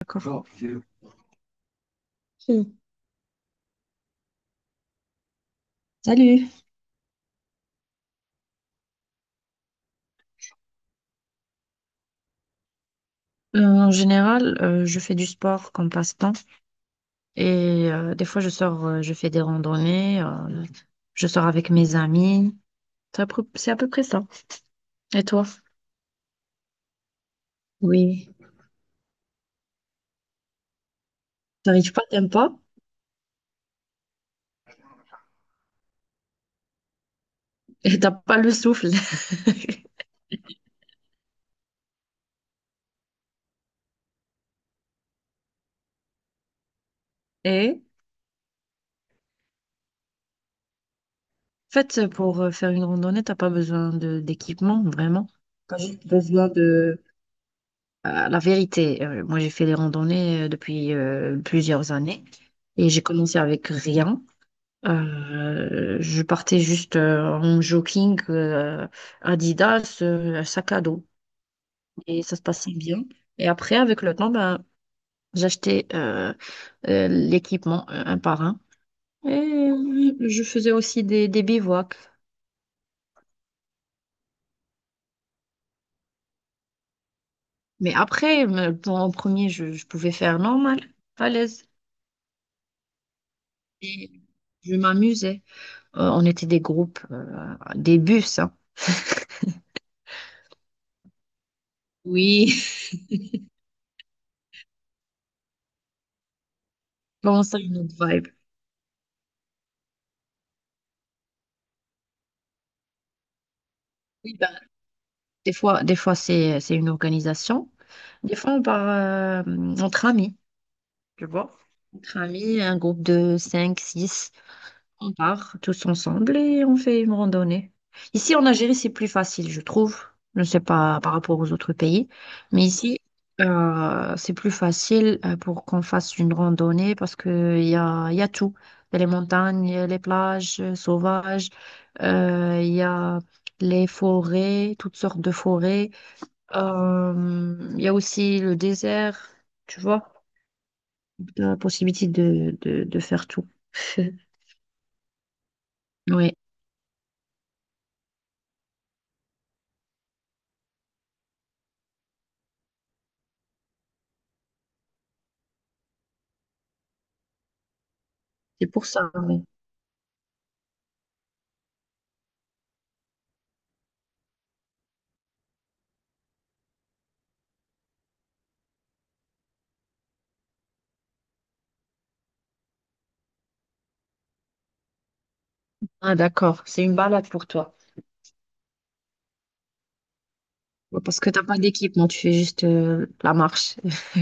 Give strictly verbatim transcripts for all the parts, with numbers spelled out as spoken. D'accord. Si. Salut. Euh, en général, euh, je fais du sport comme passe-temps et euh, des fois je sors, euh, je fais des randonnées, euh, je sors avec mes amis. C'est à peu c'est à peu près ça. Et toi? Oui. T'arrives pas, t'aimes pas et t'as pas le souffle. Et en fait, pour euh, faire une randonnée, t'as pas besoin de d'équipement, vraiment. T'as juste besoin de... Euh, la vérité, euh, moi j'ai fait des randonnées euh, depuis euh, plusieurs années et j'ai commencé avec rien. Euh, je portais juste euh, en jogging euh, Adidas, euh, un sac à dos. Et ça se passait bien. Et après, avec le temps, ben, j'achetais euh, euh, l'équipement euh, un par un. Et euh, je faisais aussi des, des bivouacs. Mais après, me- bon, en premier, je, je pouvais faire normal, à l'aise. Et je m'amusais. Euh, on était des groupes, euh, des bus, hein. Oui, bon ça, une autre vibe? Oui, ben, Des fois, des fois c'est, c'est une organisation. Des fois, on part euh, entre amis, tu vois. Entre amis, un groupe de cinq six on part tous ensemble et on fait une randonnée. Ici, en Algérie, c'est plus facile, je trouve. Je ne sais pas par rapport aux autres pays, mais ici, euh, c'est plus facile euh, pour qu'on fasse une randonnée parce qu'il y a, il y a tout. Il y a les montagnes, les plages euh, sauvages, euh, il y a les forêts, toutes sortes de forêts. Euh, Il y a aussi le désert, tu vois, la possibilité de, de, de faire tout. Oui, c'est pour ça. Oui. Ah, d'accord, c'est une balade pour toi. Ouais, parce que t'as pas d'équipement, tu fais juste euh, la marche.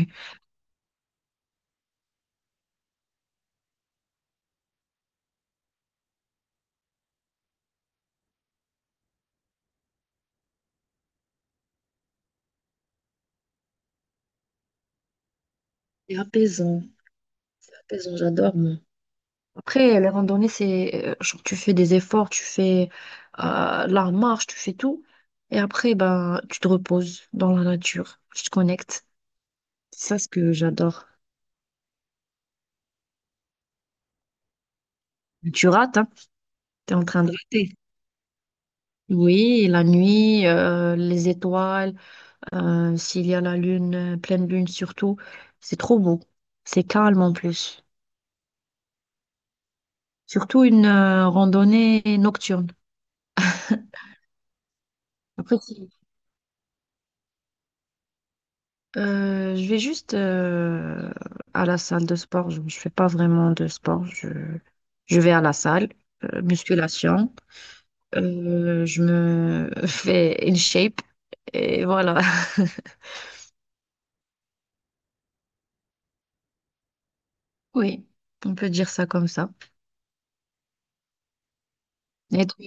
C'est apaisant, apaisant, j'adore, moi. Après, les randonnées, c'est euh, genre tu fais des efforts, tu fais euh, la marche, tu fais tout. Et après, ben, tu te reposes dans la nature, tu te connectes. C'est ça ce que j'adore. Tu rates, hein? T'es en train de rater. Oui, la nuit, euh, les étoiles, euh, s'il y a la lune, euh, pleine lune surtout, c'est trop beau. C'est calme en plus. Surtout une euh, randonnée nocturne. Après, si- euh, Je vais juste euh, à la salle de sport. Je ne fais pas vraiment de sport. Je, je vais à la salle, euh, musculation. Euh, je me fais in shape et voilà. Oui, on peut dire ça comme ça. Et toi?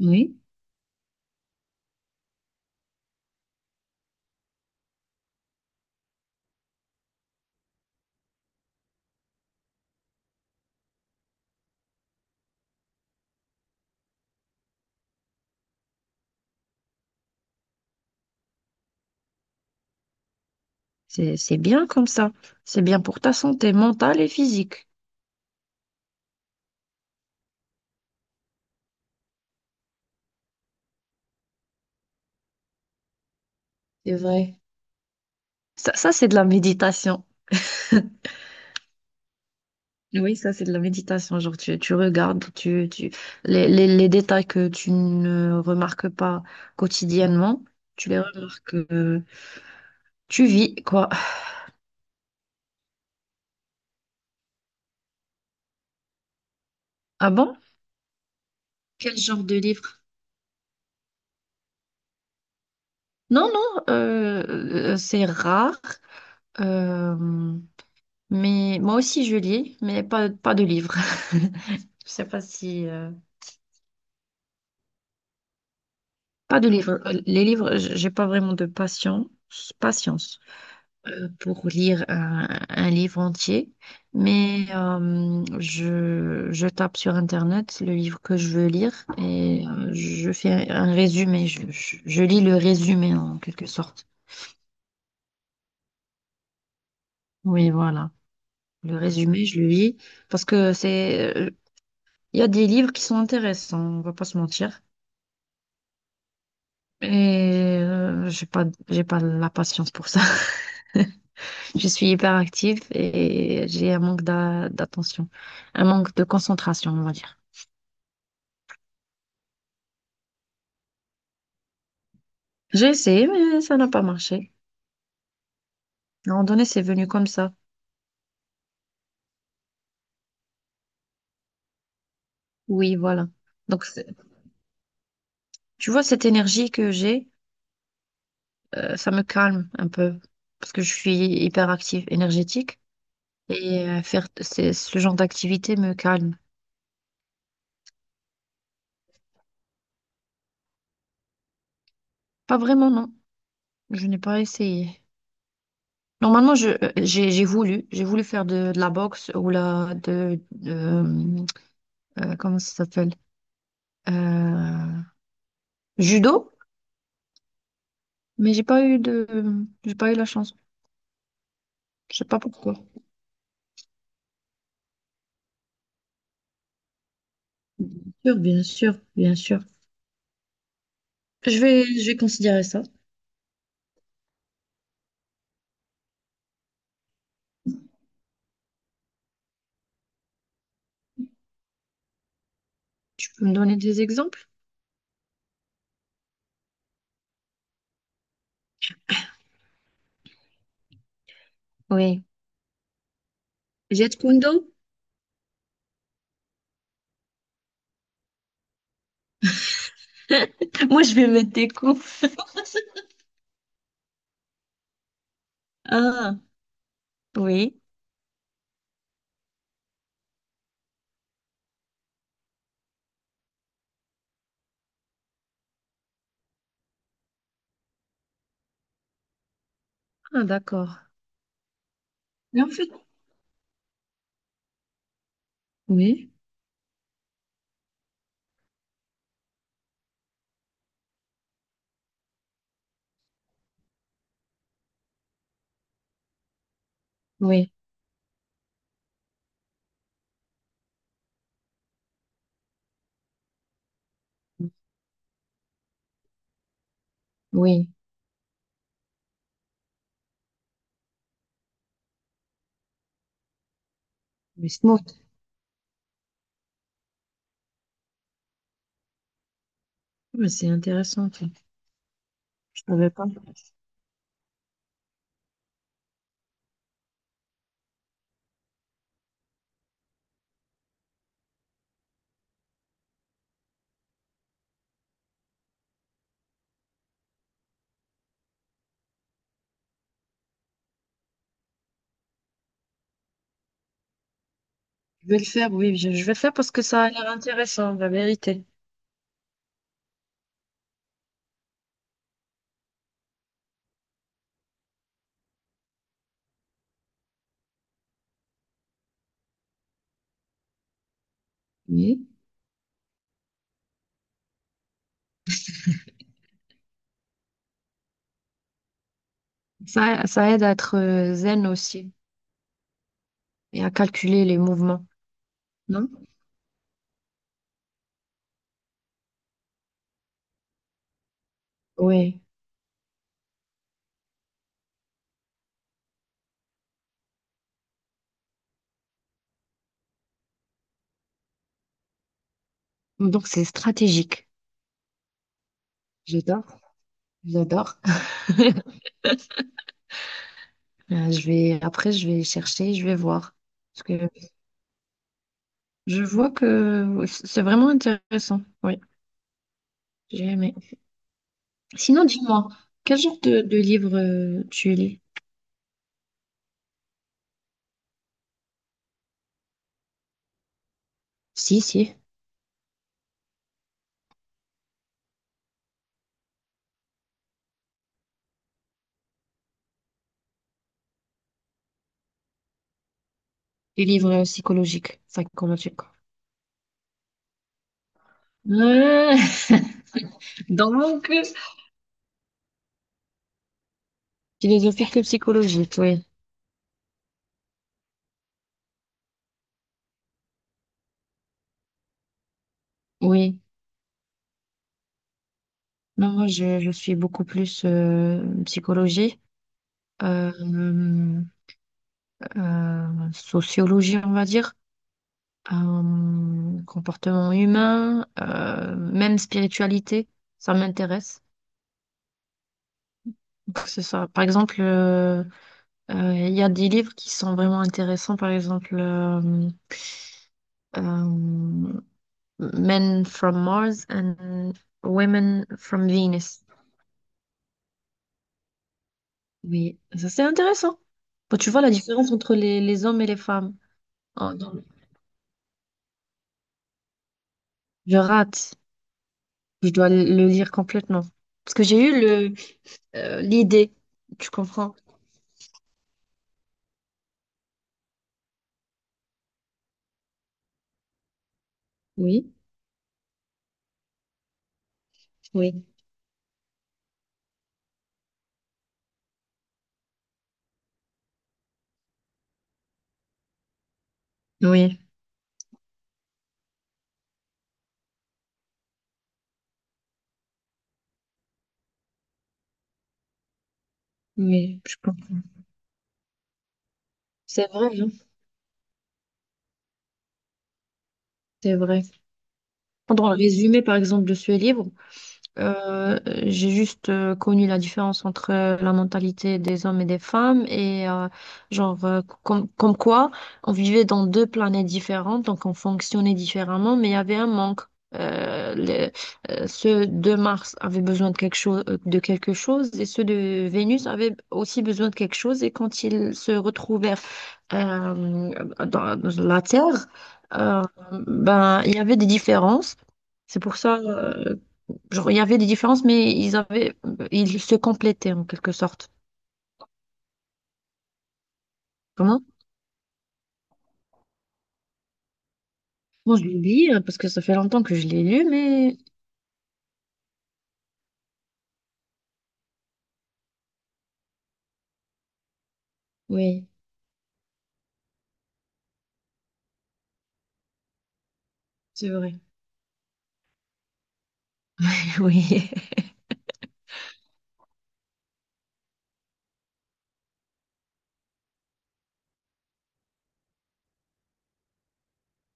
Oui. C'est, c'est bien comme ça. C'est bien pour ta santé mentale et physique. C'est vrai. Ça, ça c'est de la méditation. Oui, ça, c'est de la méditation. Genre, tu, tu regardes tu, tu, les, les, les détails que tu ne remarques pas quotidiennement, tu les remarques, euh, tu vis, quoi. Ah bon? Quel genre de livre? Non, non, euh, euh, c'est rare. euh, mais moi aussi, je lis, mais pas, pas de livre. Je sais pas si... euh, Pas de livres. Euh, Les livres, j- j'ai pas vraiment de patience, patience euh, pour lire un, un livre entier, mais euh, je, je tape sur Internet le livre que je veux lire et euh, je fais un résumé. Je, je- je lis le résumé en quelque sorte. Oui, voilà. Le résumé, je le lis parce que c'est, euh, il y a des livres qui sont intéressants, on va pas se mentir. Et euh, j'ai pas, j'ai pas la patience pour ça. Je suis hyper active et j'ai un manque d'a- d'attention, un manque de concentration, on va dire. J'ai essayé, mais ça n'a pas marché. À un moment donné, c'est venu comme ça. Oui, voilà. Donc, c'est- tu vois, cette énergie que j'ai, euh, ça me calme un peu parce que je suis hyper active, énergétique et euh, faire c'est- ce genre d'activité me calme. Pas vraiment, non. Je n'ai pas essayé. Normalement, je, euh, j'ai, j'ai voulu, j'ai voulu faire de, de la boxe ou la, de, de, euh, euh, comment ça s'appelle? Euh, Judo, mais j'ai pas eu de, j'ai pas eu la chance. Je sais pas pourquoi. Bien sûr, bien sûr, bien sûr. Je vais, je vais considérer ça. Tu peux me donner des exemples? Oui. Jet Kundo? Moi, je vais mettre des coups. Ah, oui. Ah, d'accord. Mais en fait, oui, oui, oui. Mais smooth. Mais c'est intéressant, ça. Je savais pas. Je vais le faire, oui, je, je vais le faire parce que ça a l'air intéressant, la vérité. Oui. Ça, ça aide à être euh, zen aussi. Et à calculer les mouvements, non? Oui. Donc c'est stratégique. J'adore, j'adore. Euh, Je vais, après, je vais chercher, je vais voir. Parce que je vois que c'est vraiment intéressant. Oui, j'ai aimé. Sinon, dis-moi, quel genre de, de livre euh, tu lis? Si, si. Des livres psychologiques, psychomatiques. Ouais. Donc, philosophique et psychologique, oui. Oui. Non, moi, je, je suis beaucoup plus euh, psychologie. euh, euh, Sociologie, on va dire, euh, comportement humain, euh, même spiritualité, ça m'intéresse. Que ce soit, par exemple, euh, euh, il y a des livres qui sont vraiment intéressants, par exemple, euh, euh, Men from Mars and Women from Venus. Oui, ça c'est intéressant. Bon, tu vois la différence entre les, les hommes et les femmes. Oh, non, je rate. Je dois le lire complètement. Parce que j'ai eu le euh, l'idée, tu comprends? Oui, oui. Oui, oui, je comprends. C'est vrai, hein. C'est vrai. Prendre un résumé, par exemple, de ce livre. Euh, j'ai juste euh, connu la différence entre euh, la mentalité des hommes et des femmes et euh, genre euh, com- comme quoi on vivait dans deux planètes différentes, donc on fonctionnait différemment, mais il y avait un manque. Euh, les- euh, Ceux de Mars avaient besoin de quelque chose, euh, de quelque chose et ceux de Vénus avaient aussi besoin de quelque chose et quand ils se retrouvaient euh, dans, dans la Terre, euh, ben, il y avait des différences. C'est pour ça, euh, genre, il y avait des différences, mais ils avaient, ils se complétaient en quelque sorte. Comment? Bon, je l'oublie euh, parce que ça fait longtemps que je l'ai lu, mais oui, c'est vrai. Oui,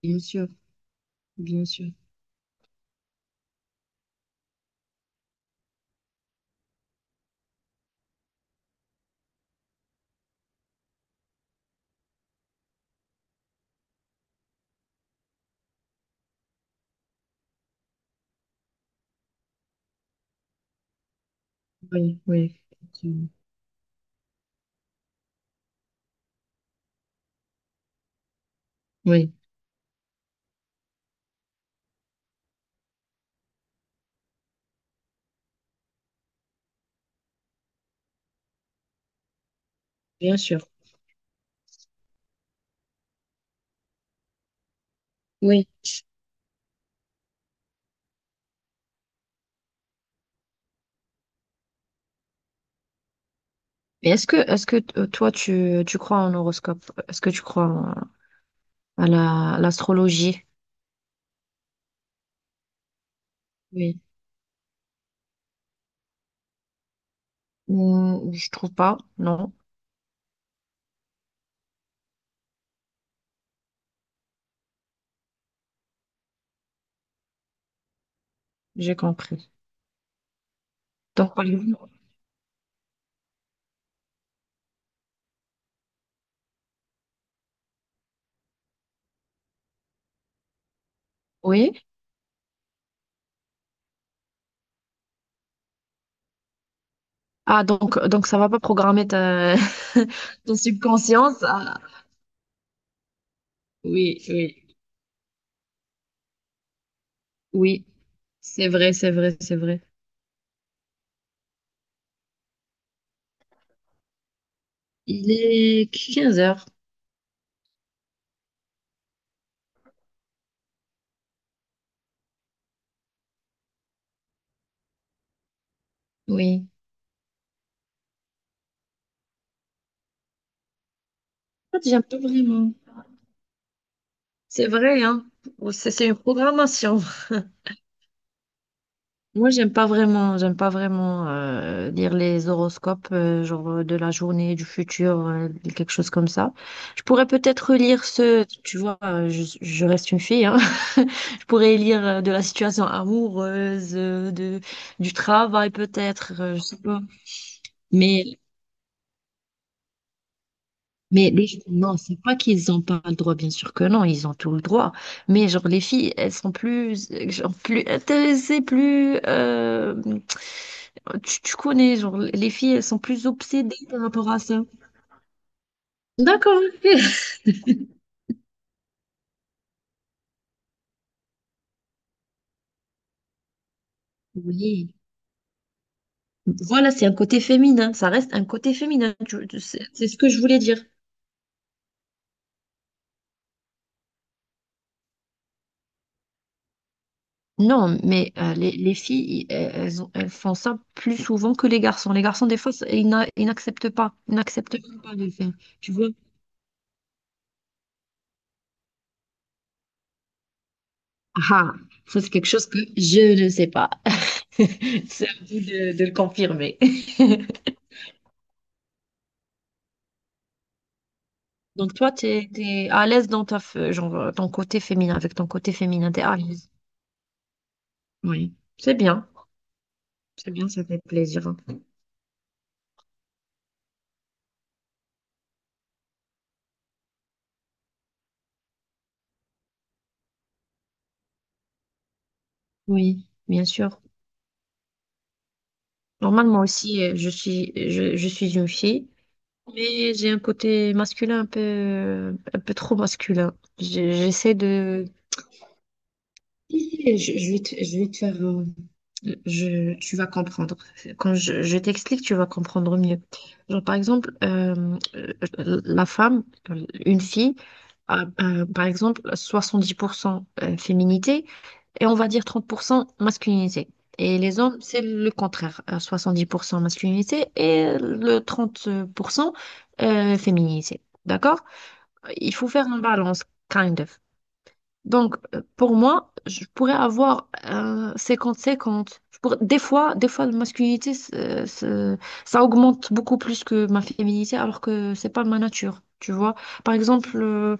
bien sûr, bien sûr. Oui, oui, effectivement. Oui, bien sûr. Oui. Mais est-ce que, est-ce que t- toi, tu, tu crois en horoscope? Est-ce que tu crois en- à la, à l'astrologie? Hmm, je trouve pas. Non, j'ai compris. Donc, par exemple- oui. Ah, donc, donc ça va pas programmer ta... ton subconscience. Ah, oui, oui, oui. C'est vrai, c'est vrai, c'est vrai. Il est quinze heures. Oui. En fait, j'aime pas vraiment. C'est vrai, hein. C'est c'est une programmation. Moi, j'aime pas vraiment, j'aime pas vraiment euh, lire les horoscopes, euh, genre euh, de la journée, du futur, euh, quelque chose comme ça. Je pourrais peut-être lire ce, tu vois, euh, je, je reste une fille, hein. Je pourrais lire euh, de la situation amoureuse, euh, de, du travail peut-être, euh, je sais pas. Mais Mais les filles, non, c'est pas qu'ils n'ont pas le droit, bien sûr que non, ils ont tout le droit. Mais genre les filles, elles sont plus, euh, genre, plus intéressées, plus. euh, tu, tu connais, genre les filles, elles sont plus obsédées par rapport à ça. D'accord. Ok. Oui. Voilà, c'est un côté féminin. Ça reste un côté féminin. Tu- tu- C'est c'est ce que je voulais dire. Non, mais euh, les, les filles, i- elles, elles ont- elles font ça plus souvent que les garçons. Les garçons, des fois, ça- ils n'a- ils n'acceptent pas. Ils n'acceptent même pas de le faire. Tu vois? Ah, ça c'est quelque chose que je ne sais pas. C'est à vous de, de le confirmer. Donc toi, tu es à l'aise dans ta, f- genre, euh, ton côté féminin, avec ton côté féminin, t'es à l'aise. Oui, c'est bien. C'est bien, ça fait plaisir. Oui, bien sûr. Normalement aussi, euh, je suis, je, je suis une fille, mais j'ai un côté masculin un peu, un peu trop masculin. Je- J'essaie de... Si, si, Je, je vais te, je vais te faire... euh, je, tu vas comprendre. Quand je, je t'explique, tu vas comprendre mieux. Genre, par exemple, euh, euh, la femme, une fille, a, euh, par exemple, soixante-dix pour cent euh, féminité et on va dire trente pour cent masculinité. Et les hommes, c'est le contraire, euh, soixante-dix pour cent masculinité et le trente pour cent euh, féminité. D'accord? Il faut faire une balance, kind of. Donc, euh, pour moi, je pourrais avoir un cinquante. 50 Je pourrais- Des fois, Des fois, la masculinité, c'est- c'est- ça augmente beaucoup plus que ma féminité, alors que c'est pas ma nature, tu vois. Par exemple, euh,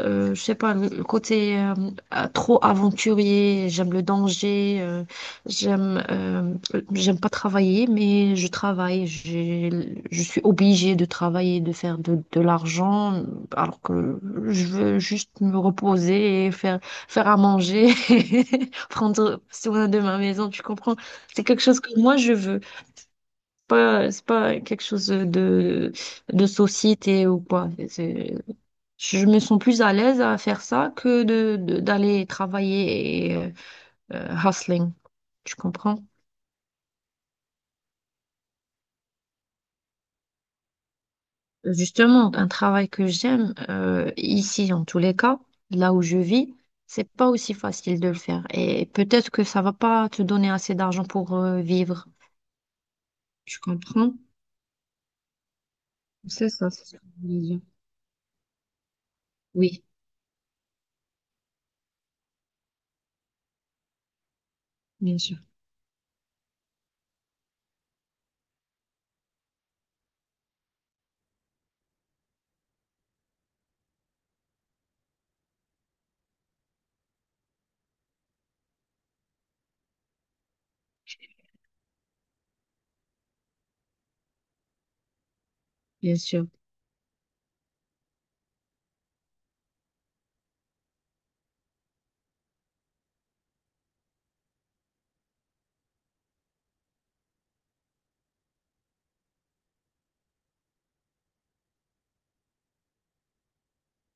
euh, je sais pas, le côté euh, euh, trop aventurier, j'aime le danger, euh, j'aime euh, j'aime pas travailler, mais je travaille, j'ai, je suis obligée de travailler, de faire de, de l'argent, alors que je veux juste me reposer et faire, faire à manger, prendre soin de ma maison, tu comprends? C'est quelque chose que moi je veux, pas, c'est pas quelque chose de, de société ou quoi. Je me sens plus à l'aise à faire ça que de, de- d'aller travailler et euh, euh, hustling. Tu comprends? Justement, un travail que j'aime, euh, ici en tous les cas, là où je vis, c'est pas aussi facile de le faire. Et peut-être que ça va pas te donner assez d'argent pour euh, vivre. Tu comprends? C'est ça, c'est ce que je voulais dire. Oui, bien sûr, bien sûr.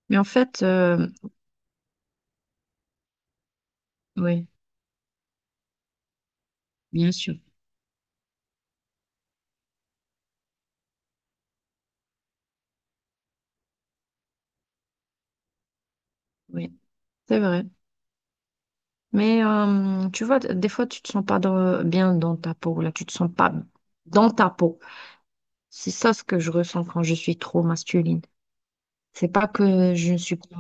Mais en fait, euh, oui, bien sûr, oui, c'est vrai. Mais euh, tu vois, des fois, tu te sens pas dans- bien dans ta peau, là, tu te sens pas dans ta peau. C'est ça ce que je ressens quand je suis trop masculine. C'est pas que je ne suis pas...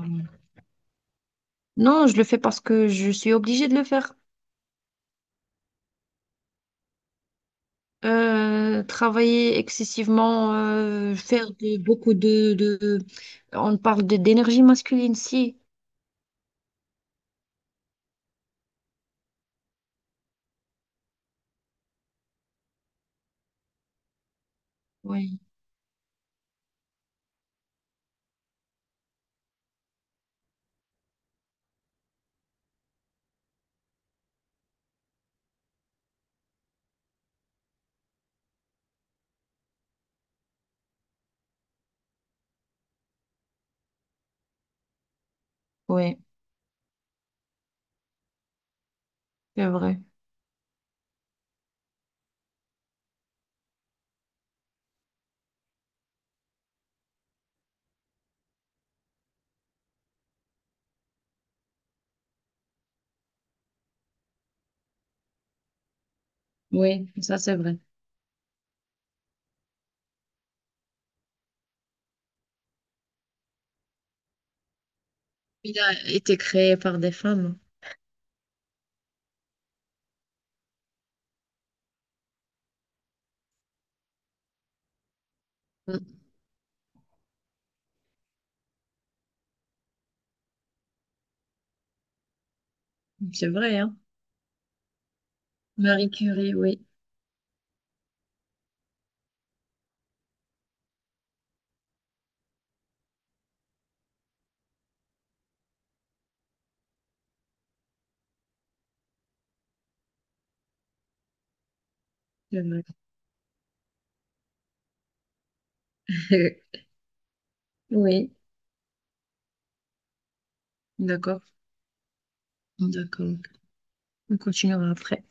Non, je le fais parce que je suis obligée de le faire. Euh, travailler excessivement, euh, faire de- beaucoup de, de... On parle de- d'énergie masculine, si. Oui, oui, c'est vrai. Oui, ça c'est vrai. Il a été créé par des femmes. Mm. C'est vrai, hein. Marie Curie, oui. C'est vrai. Oui, d'accord, d'accord. On continuera après.